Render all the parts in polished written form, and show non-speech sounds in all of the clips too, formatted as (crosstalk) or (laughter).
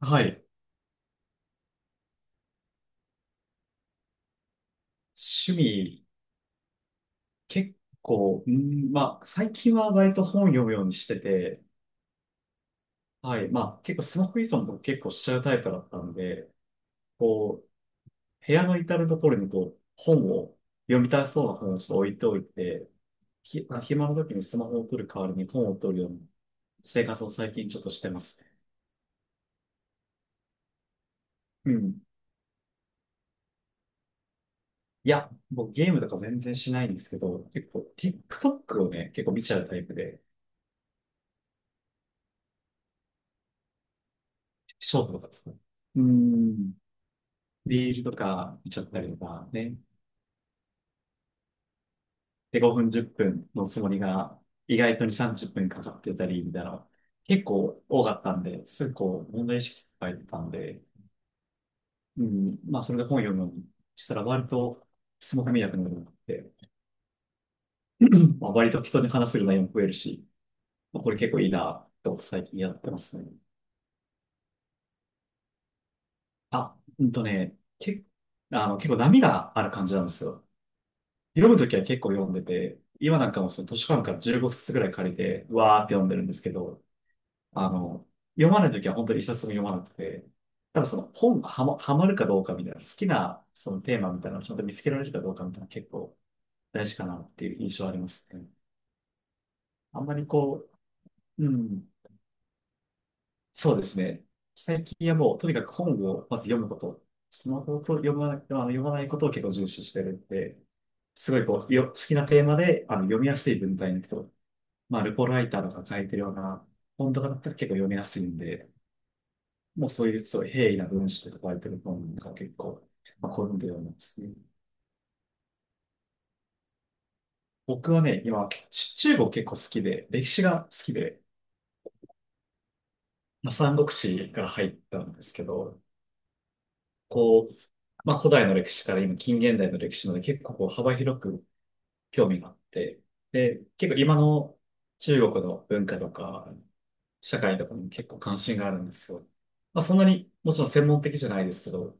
はい。趣味、結構、うん、まあ、最近は割と本読むようにしてて、はい。結構スマホ依存とか結構しちゃうタイプだったんで、こ部屋の至るところに読みたそうな本をちょっと置いておいて、ひ、まあ、暇の時にスマホを取る代わりに本を取るような生活を最近ちょっとしてますね。うん。いや、僕ゲームとか全然しないんですけど、結構 TikTok をね、結構見ちゃうタイプで、ショートとかですね。うん。リールとか見ちゃったりとかね。で、5分、10分のつもりが、意外とに30分かかってたり、みたいな、結構多かったんで、すぐ問題意識が入ったんで、それで本読むのにしたら、割と、スマホ見なくなるなって、(clears throat) 割と人に話せる内容も増えるし、これ結構いいな、と最近やってますね。あ、うんとね、け、あの、結構波がある感じなんですよ。読むときは結構読んでて、今なんかもその図書館から15冊ぐらい借りて、わーって読んでるんですけど、あの、読まないときは本当に一冊も読まなくて、多分その本がはま、はまるかどうかみたいな、好きなそのテーマみたいなのをちゃんと見つけられるかどうかみたいなの結構大事かなっていう印象ありますね。あんまりこう、うん、そうですね。最近はもうとにかく本をまず読むこと、スマホを読まないことを結構重視してるんで、すごいこう、よ、好きなテーマで読みやすい文体の人、ルポライターとか書いてるような本とかだったら結構読みやすいんで、もうそういうすごい平易な文章とか書いてる本が結構、好んで読んでますね。僕はね、今、中国結構好きで、歴史が好きで、三国志から入ったんですけど、こう、古代の歴史から今近現代の歴史まで結構幅広く興味があって、で、結構今の中国の文化とか、社会とかにも結構関心があるんですよ。そんなにもちろん専門的じゃないですけど、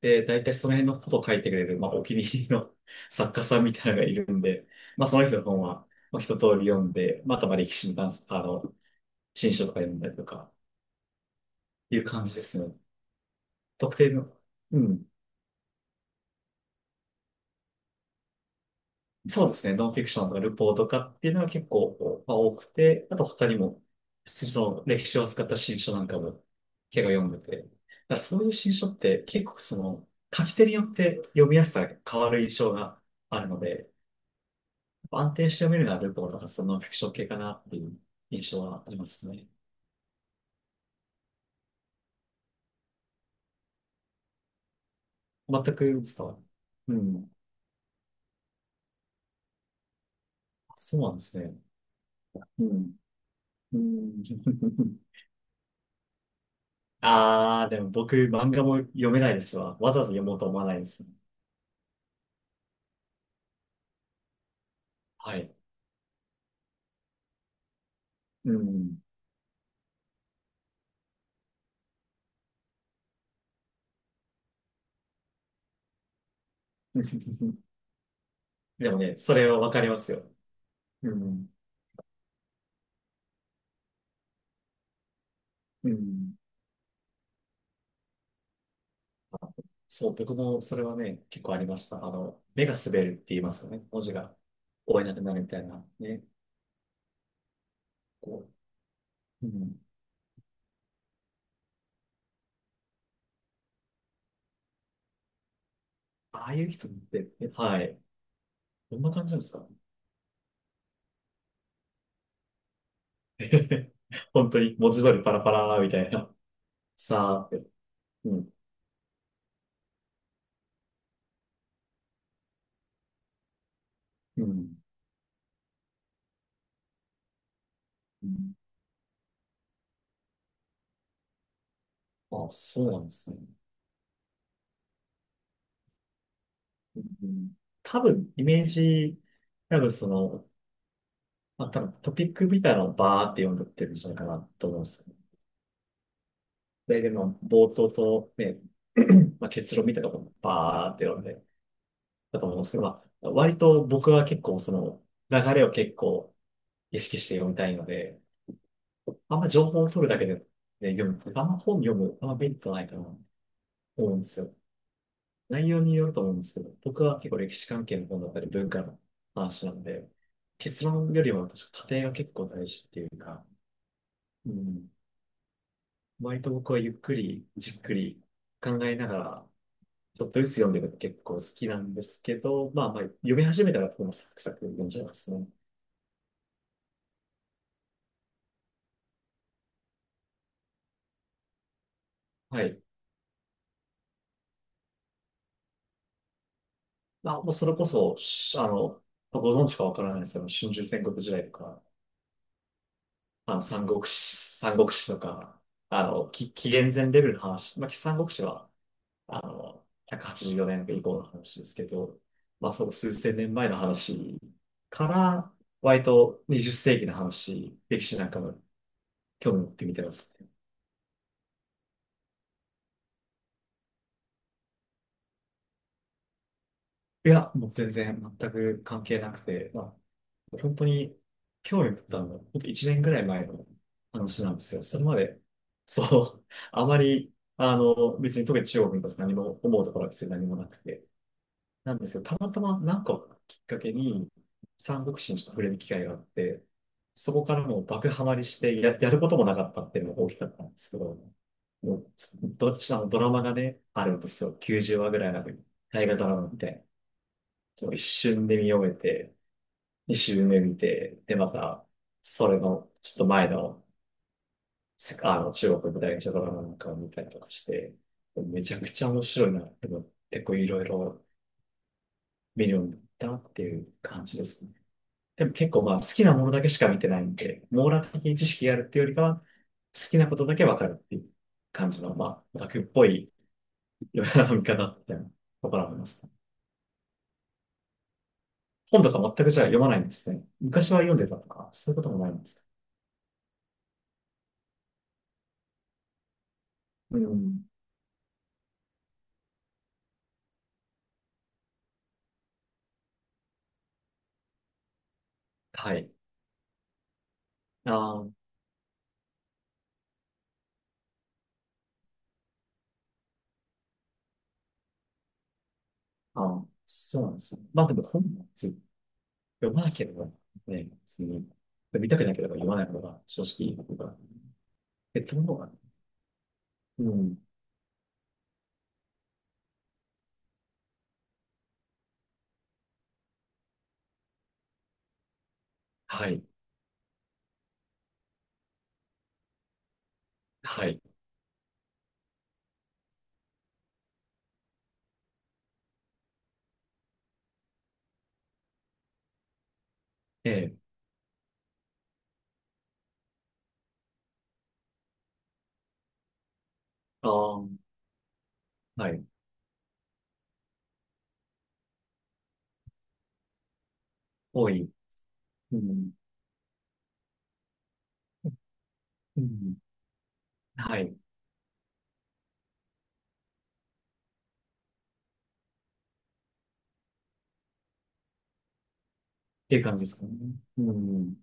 で、大体その辺のことを書いてくれる、お気に入りの (laughs) 作家さんみたいなのがいるんで、その人の本は、一通り読んで、あと歴史に関す、あの、新書とか読んだりとか、いう感じですね。特定の、うん。そうですね。ノンフィクションとかルポーとかっていうのは結構、多くて、あと他にも、その歴史を扱った新書なんかも結構読んでて、だからそういう新書って結構その、書き手によって読みやすさが変わる印象があるので、安定して読めるのはルポーとかそのフィクション系かなっていう印象はありますね。全く伝わる。うん。そうなんですね。うん。うん。(laughs) ああ、でも僕漫画も読めないですわ。わざわざ読もうと思わないです。はい。うん。(laughs) でもね、それはわかりますよ。うん。うん。そう、僕もそれはね、結構ありました。目が滑るって言いますよね。文字が追えなくなるみたいな。ね。こうん。ああいう人って、はい。どんな感じなんですか？ (laughs) 本当に文字通りパラパラみたいな。さーって。うん。うん。うん。あ、そうなんですね。うん。多分、イメージ、多分その、まあ、多分トピックみたいなのをバーって読んでってるんじゃないかなと思うんですよ。で、でも、冒頭とね、(clears throat) 結論みたいなところもバーって読んでだと思うんですけど、割と僕は結構その、流れを結構意識して読みたいので、あんま情報を取るだけで、ね、読む。あんまメリットないかなと思うんですよ。内容によると思うんですけど、僕は結構歴史関係の本だったり文化の話なんで、結論よりも私、過程が結構大事っていうか、うん、割と僕はゆっくり、じっくり考えながら、ちょっとずつ読んでるの結構好きなんですけど、読み始めたらもサクサク読んじゃいますね。はい。もうそれこそ、しあの、ご存知かわからないですけど、春秋戦国時代とか、まあの、三国志とか、紀元前レベルの話、三国志は、あの、184年以降の話ですけど、その数千年前の話から、割と20世紀の話、歴史なんかも興味持って見てます。いや、もう全然全く関係なくて、本当に興味を持ったのは、本当1年ぐらい前の話なんですよ。それまで、そう、(laughs) あまり、別に特に中国のこと何も思うところは別に何もなくて、なんですけど、たまたま何かをきっかけに、三国志にちょっと触れる機会があって、そこからもう爆ハマりしてやることもなかったっていうのが大きかったんですけど、もう、どっちのドラマがね、あるんですよ。90話ぐらいある。大河ドラマみたいその一瞬で見終えて、二周目見て、で、また、それの、ちょっと前の、せあの、中国の大学者ドラマなんかを見たりとかして、めちゃくちゃ面白いなって思って、こういろいろ見るようになったなっていう感じですね。でも結構好きなものだけしか見てないんで、網羅的に知識があるっていうよりかは、好きなことだけわかるっていう感じの、オタクっぽい読うな見方みたいなところがありますね。本とか全くじゃあ読まないんですね。昔は読んでたとか、そういうこともないんですか？うん。はい。あーあー、そうなんですね。まあでも本もずっと読まなければね、別に見たくなければ読まないのが正直僕は。え、ともが、うん。はい。はい。ええ。ああ、はい。多い。うん。うん。はい。っていう感じですかね。うん。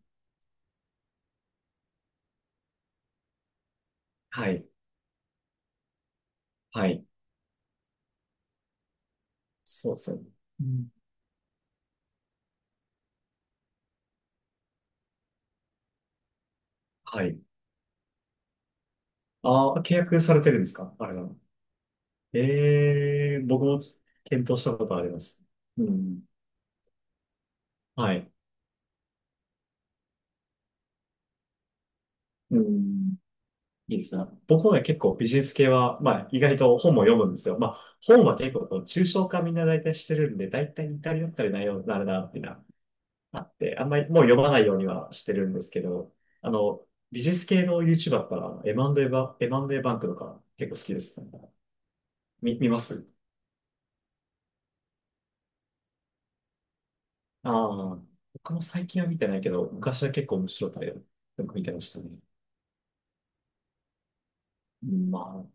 はい。はい。そうですね。うん。はい。ああ、契約されてるんですかあれなの。ええ、僕も検討したことあります。うん。はい。うん。いいですね。僕もね、結構ビジネス系は、意外と本も読むんですよ。本は結構抽象化みんな大体してるんで、大体似たり寄ったりなようになるな、っていうのはあって、あんまりもう読まないようにはしてるんですけど、あの、ビジネス系の YouTuber だったら、M&A バンクとか結構好きですね。見ます。ああ、僕も最近は見てないけど、昔は結構面白いタイトルよく見てましたね。まあ、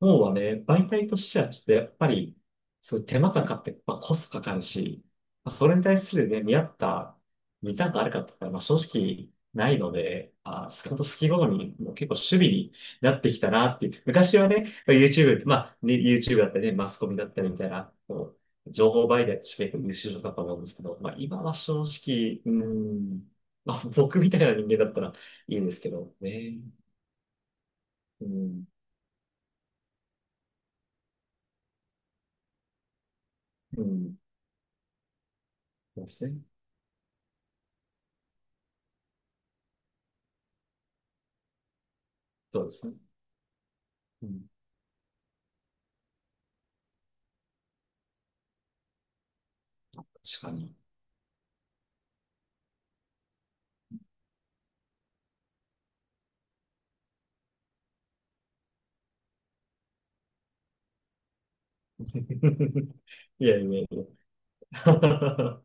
もうはね、媒体としてはちょっとやっぱり、そういう手間かかって、コストかかるし、それに対するね、見合った、見たくあるかって言ったら、正直ないので、あー、スカウト好き好みも結構趣味になってきたなっていう。昔はね、まあ YouTube、YouTube だったりね、マスコミだったりみたいな、情報媒体として結構優秀だったと思うんですけど、今は正直、うーん、僕みたいな人間だったらいいんですけどね。うん、うん、そうですね。そうですね。うん、確かに。(laughs) いやいやいや。(laughs)